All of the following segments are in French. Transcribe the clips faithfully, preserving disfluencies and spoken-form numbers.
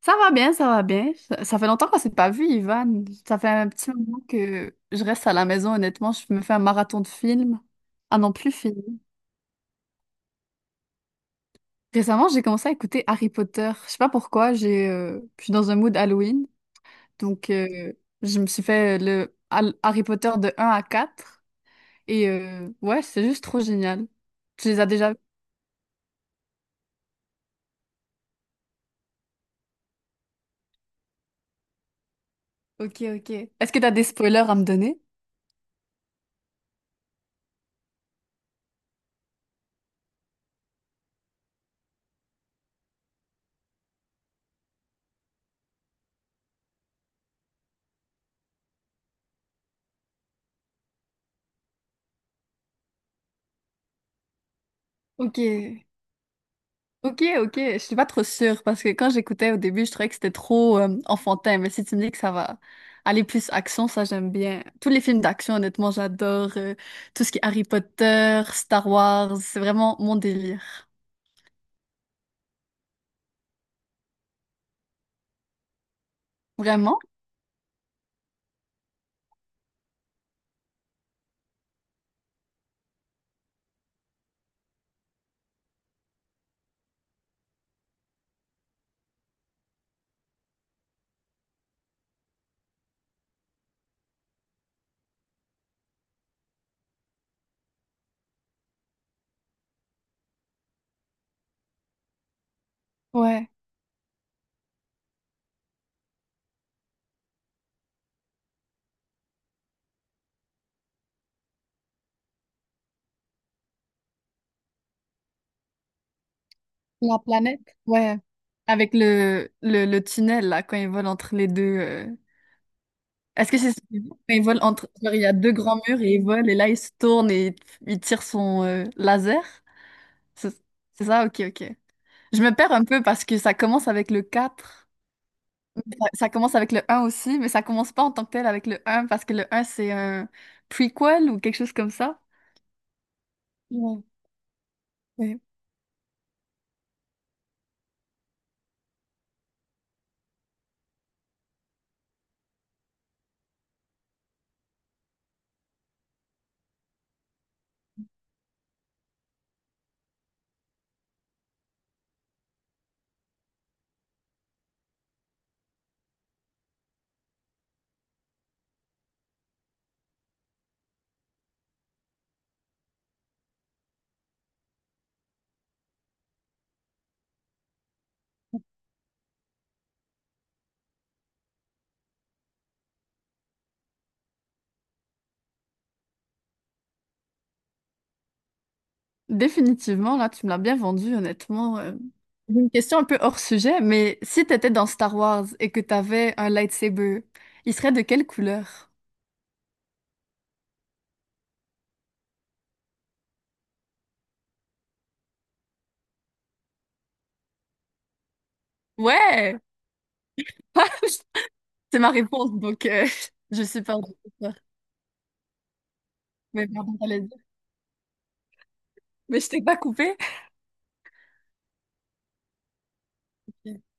Ça va bien, ça va bien. Ça ça fait longtemps qu'on s'est pas vu, Ivan. Ça fait un petit moment que je reste à la maison, honnêtement. Je me fais un marathon de films. Ah non, plus fini. Récemment, j'ai commencé à écouter Harry Potter. Je sais pas pourquoi, j'ai, euh, je suis dans un mood Halloween. Donc, euh, je me suis fait le Hal- Harry Potter de un à quatre. Et euh, ouais, c'est juste trop génial. Tu les as déjà ok, ok. Est-ce que t'as des spoilers à me donner? Ok, ok, ok. Je suis pas trop sûre parce que quand j'écoutais au début, je trouvais que c'était trop euh, enfantin. Mais si tu me dis que ça va aller plus action, ça j'aime bien. Tous les films d'action, honnêtement, j'adore. Euh, tout ce qui est Harry Potter, Star Wars, c'est vraiment mon délire. Vraiment? Ouais. La planète? Ouais. Avec le, le, le tunnel, là, quand ils volent entre les deux. euh. Est-ce que c'est ça qu'ils font quand ils volent entre genre il y a deux grands murs et ils volent, et là, ils se tournent et ils tirent son euh, laser? C'est c'est ça? Ok, ok. Je me perds un peu parce que ça commence avec le quatre. Ça, ça commence avec le un aussi, mais ça commence pas en tant que tel avec le un parce que le un c'est un prequel ou quelque chose comme ça. Ouais. Ouais. Définitivement, là, tu me l'as bien vendu, honnêtement. euh. J'ai une question un peu hors sujet, mais si t'étais dans Star Wars et que t'avais un lightsaber, il serait de quelle couleur? Ouais! C'est ma réponse, donc euh, je suis pas en doute. Mais pardon, t'allais dire. Mais je t'ai pas coupé.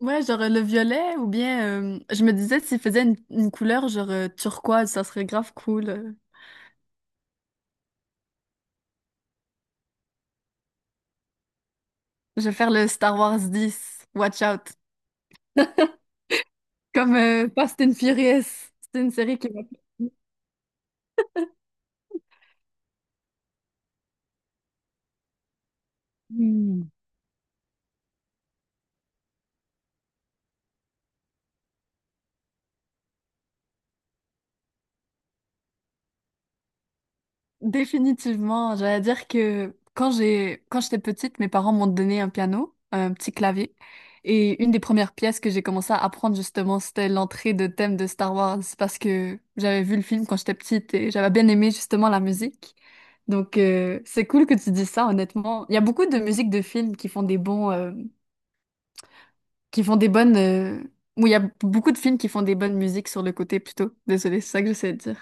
Ouais, genre euh, le violet ou bien euh, je me disais s'il faisait une, une couleur genre euh, turquoise, ça serait grave cool. euh. Je vais faire le Star Wars dix. Watch out. Comme euh, Fast and Furious. C'est une série qui m'a Définitivement, j'allais dire que quand j'ai quand j'étais petite, mes parents m'ont donné un piano, un petit clavier, et une des premières pièces que j'ai commencé à apprendre justement, c'était l'entrée de thème de Star Wars parce que j'avais vu le film quand j'étais petite et j'avais bien aimé justement la musique. Donc euh, c'est cool que tu dis ça, honnêtement. Il y a beaucoup de musiques de films qui font des bons, euh, qui font des bonnes, euh, ou il y a beaucoup de films qui font des bonnes musiques sur le côté plutôt. Désolée, c'est ça que j'essaie de dire.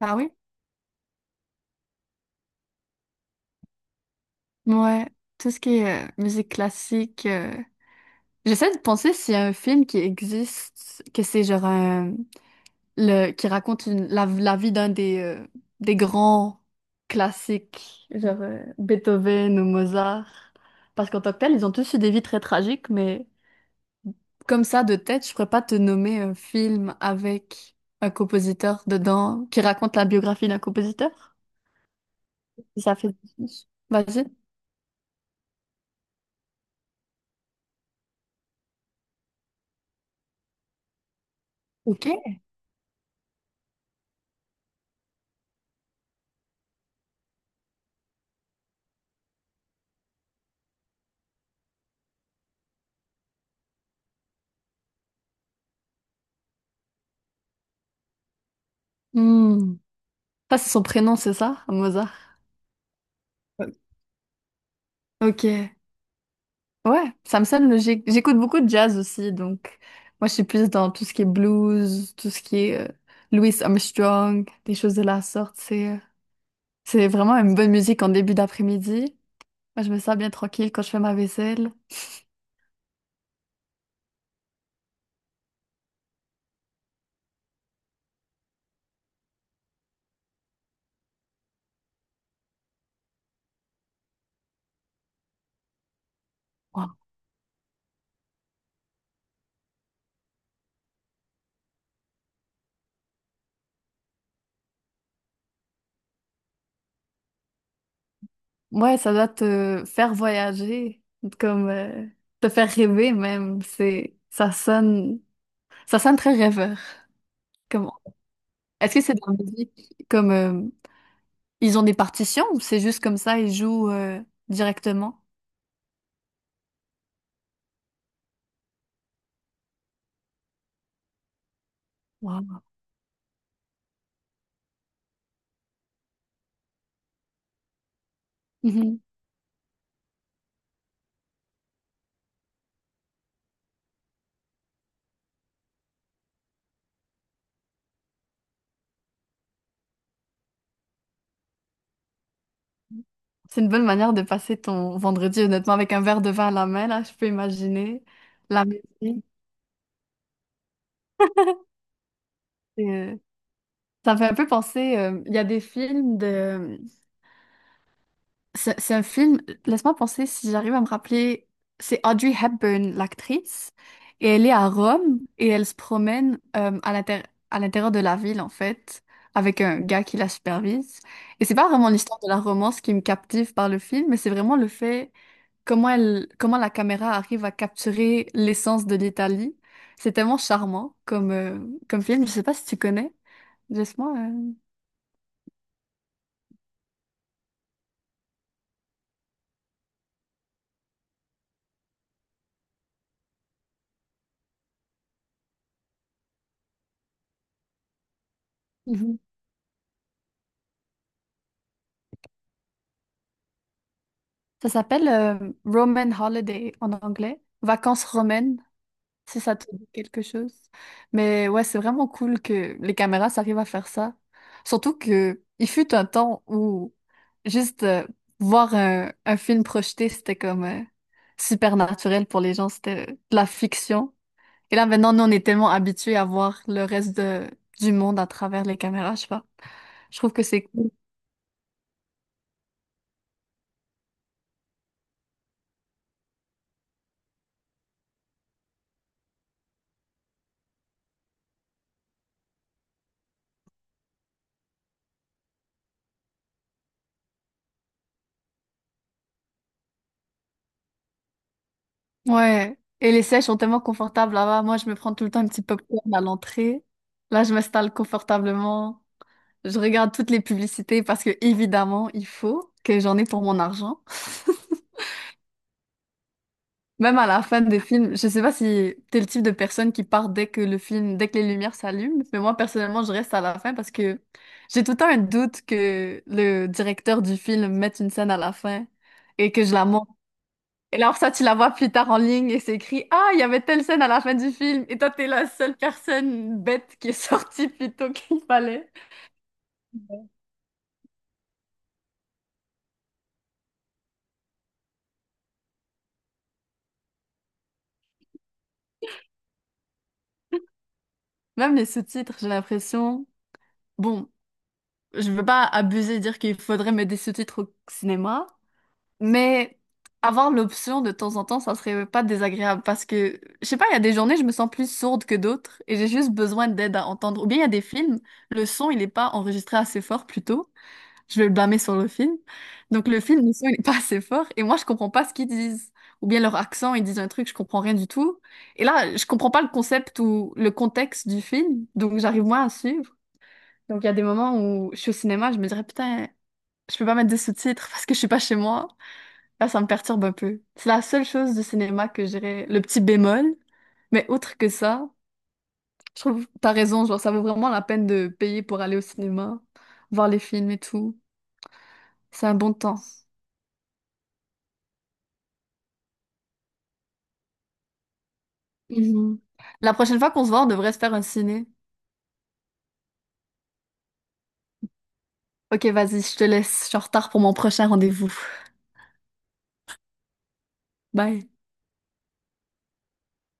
Ah oui? Ouais, tout ce qui est euh, musique classique. euh, J'essaie de penser s'il y a un film qui existe, que c'est genre un le qui raconte une- la, la vie d'un des, euh, des grands classiques, genre euh, Beethoven ou Mozart. Parce qu'en tant que tel, ils ont tous eu des vies très tragiques, mais comme ça, de tête, je pourrais pas te nommer un film avec un compositeur dedans qui raconte la biographie d'un compositeur. Si ça fait du sens. Vas-y. Ok. Hmm. Ça, c'est son prénom, c'est ça, Mozart? Euh, Ok. Ouais, ça me sonne logique. J'écoute beaucoup de jazz aussi, donc moi, je suis plus dans tout ce qui est blues, tout ce qui est euh, Louis Armstrong, des choses de la sorte. C'est euh, c'est vraiment une bonne musique en début d'après-midi. Moi, je me sens bien tranquille quand je fais ma vaisselle. Ouais, ouais, ça doit te faire voyager, comme euh, te faire rêver même. C'est ça sonne ça sonne très rêveur. Comment? Est-ce que c'est de la musique comme euh, ils ont des partitions ou c'est juste comme ça, ils jouent euh, directement? Wow. Mhm. C'est une bonne manière de passer ton vendredi, honnêtement, avec un verre de vin à la main, là, je peux imaginer. La musique, euh, ça me fait un peu penser, euh, il y a des films de C'est c'est un film, laisse-moi penser si j'arrive à me rappeler. C'est Audrey Hepburn, l'actrice, et elle est à Rome et elle se promène euh, à l'intér- à l'intérieur de la ville, en fait, avec un gars qui la supervise. Et c'est pas vraiment l'histoire de la romance qui me captive par le film, mais c'est vraiment le fait comment elle, comment la caméra arrive à capturer l'essence de l'Italie. C'est tellement charmant comme, euh, comme film. Je sais pas si tu connais. Laisse-moi. euh, Ça s'appelle euh, Roman Holiday en anglais, vacances romaines, si ça te dit quelque chose. Mais ouais, c'est vraiment cool que les caméras s'arrivent à faire ça. Surtout que il fut un temps où juste euh, voir un, un film projeté, c'était comme euh, super naturel pour les gens, c'était de la fiction. Et là maintenant, nous, on est tellement habitués à voir le reste de- du monde à travers les caméras, je sais pas. Je trouve que c'est cool. Ouais. Et les sièges sont tellement confortables là-bas. Moi, je me prends tout le temps un petit popcorn à l'entrée. Là, je m'installe confortablement. Je regarde toutes les publicités parce que, évidemment, il faut que j'en ai pour mon argent. Même à la fin des films, je sais pas si t'es le type de personne qui part dès que le film, dès que les lumières s'allument, mais moi, personnellement, je reste à la fin parce que j'ai tout le temps un doute que le directeur du film mette une scène à la fin et que je la monte. Et là, alors ça, tu la vois plus tard en ligne et c'est écrit, ah, il y avait telle scène à la fin du film. Et toi, t'es la seule personne bête qui est sortie plus tôt qu'il fallait. Même les sous-titres, j'ai l'impression. Bon, je veux pas abuser et dire qu'il faudrait mettre des sous-titres au cinéma, mais avoir l'option de temps en temps, ça serait pas désagréable parce que, je sais pas, il y a des journées, je me sens plus sourde que d'autres et j'ai juste besoin d'aide à entendre. Ou bien il y a des films, le son, il est pas enregistré assez fort plutôt. Je vais le blâmer sur le film. Donc le film, le son, il n'est pas assez fort. Et moi, je comprends pas ce qu'ils disent. Ou bien leur accent, ils disent un truc, je comprends rien du tout. Et là, je comprends pas le concept ou le contexte du film. Donc j'arrive moins à suivre. Donc il y a des moments où je suis au cinéma, je me dirais, putain, je peux pas mettre des sous-titres parce que je suis pas chez moi. Là, ça me perturbe un peu. C'est la seule chose du cinéma que je dirais, le petit bémol. Mais outre que ça, je trouve, t'as raison, genre, ça vaut vraiment la peine de payer pour aller au cinéma, voir les films et tout. C'est un bon temps. Mhm. La prochaine fois qu'on se voit, on devrait se faire un ciné. Ok, vas-y, je te laisse. Je suis en retard pour mon prochain rendez-vous. Bye.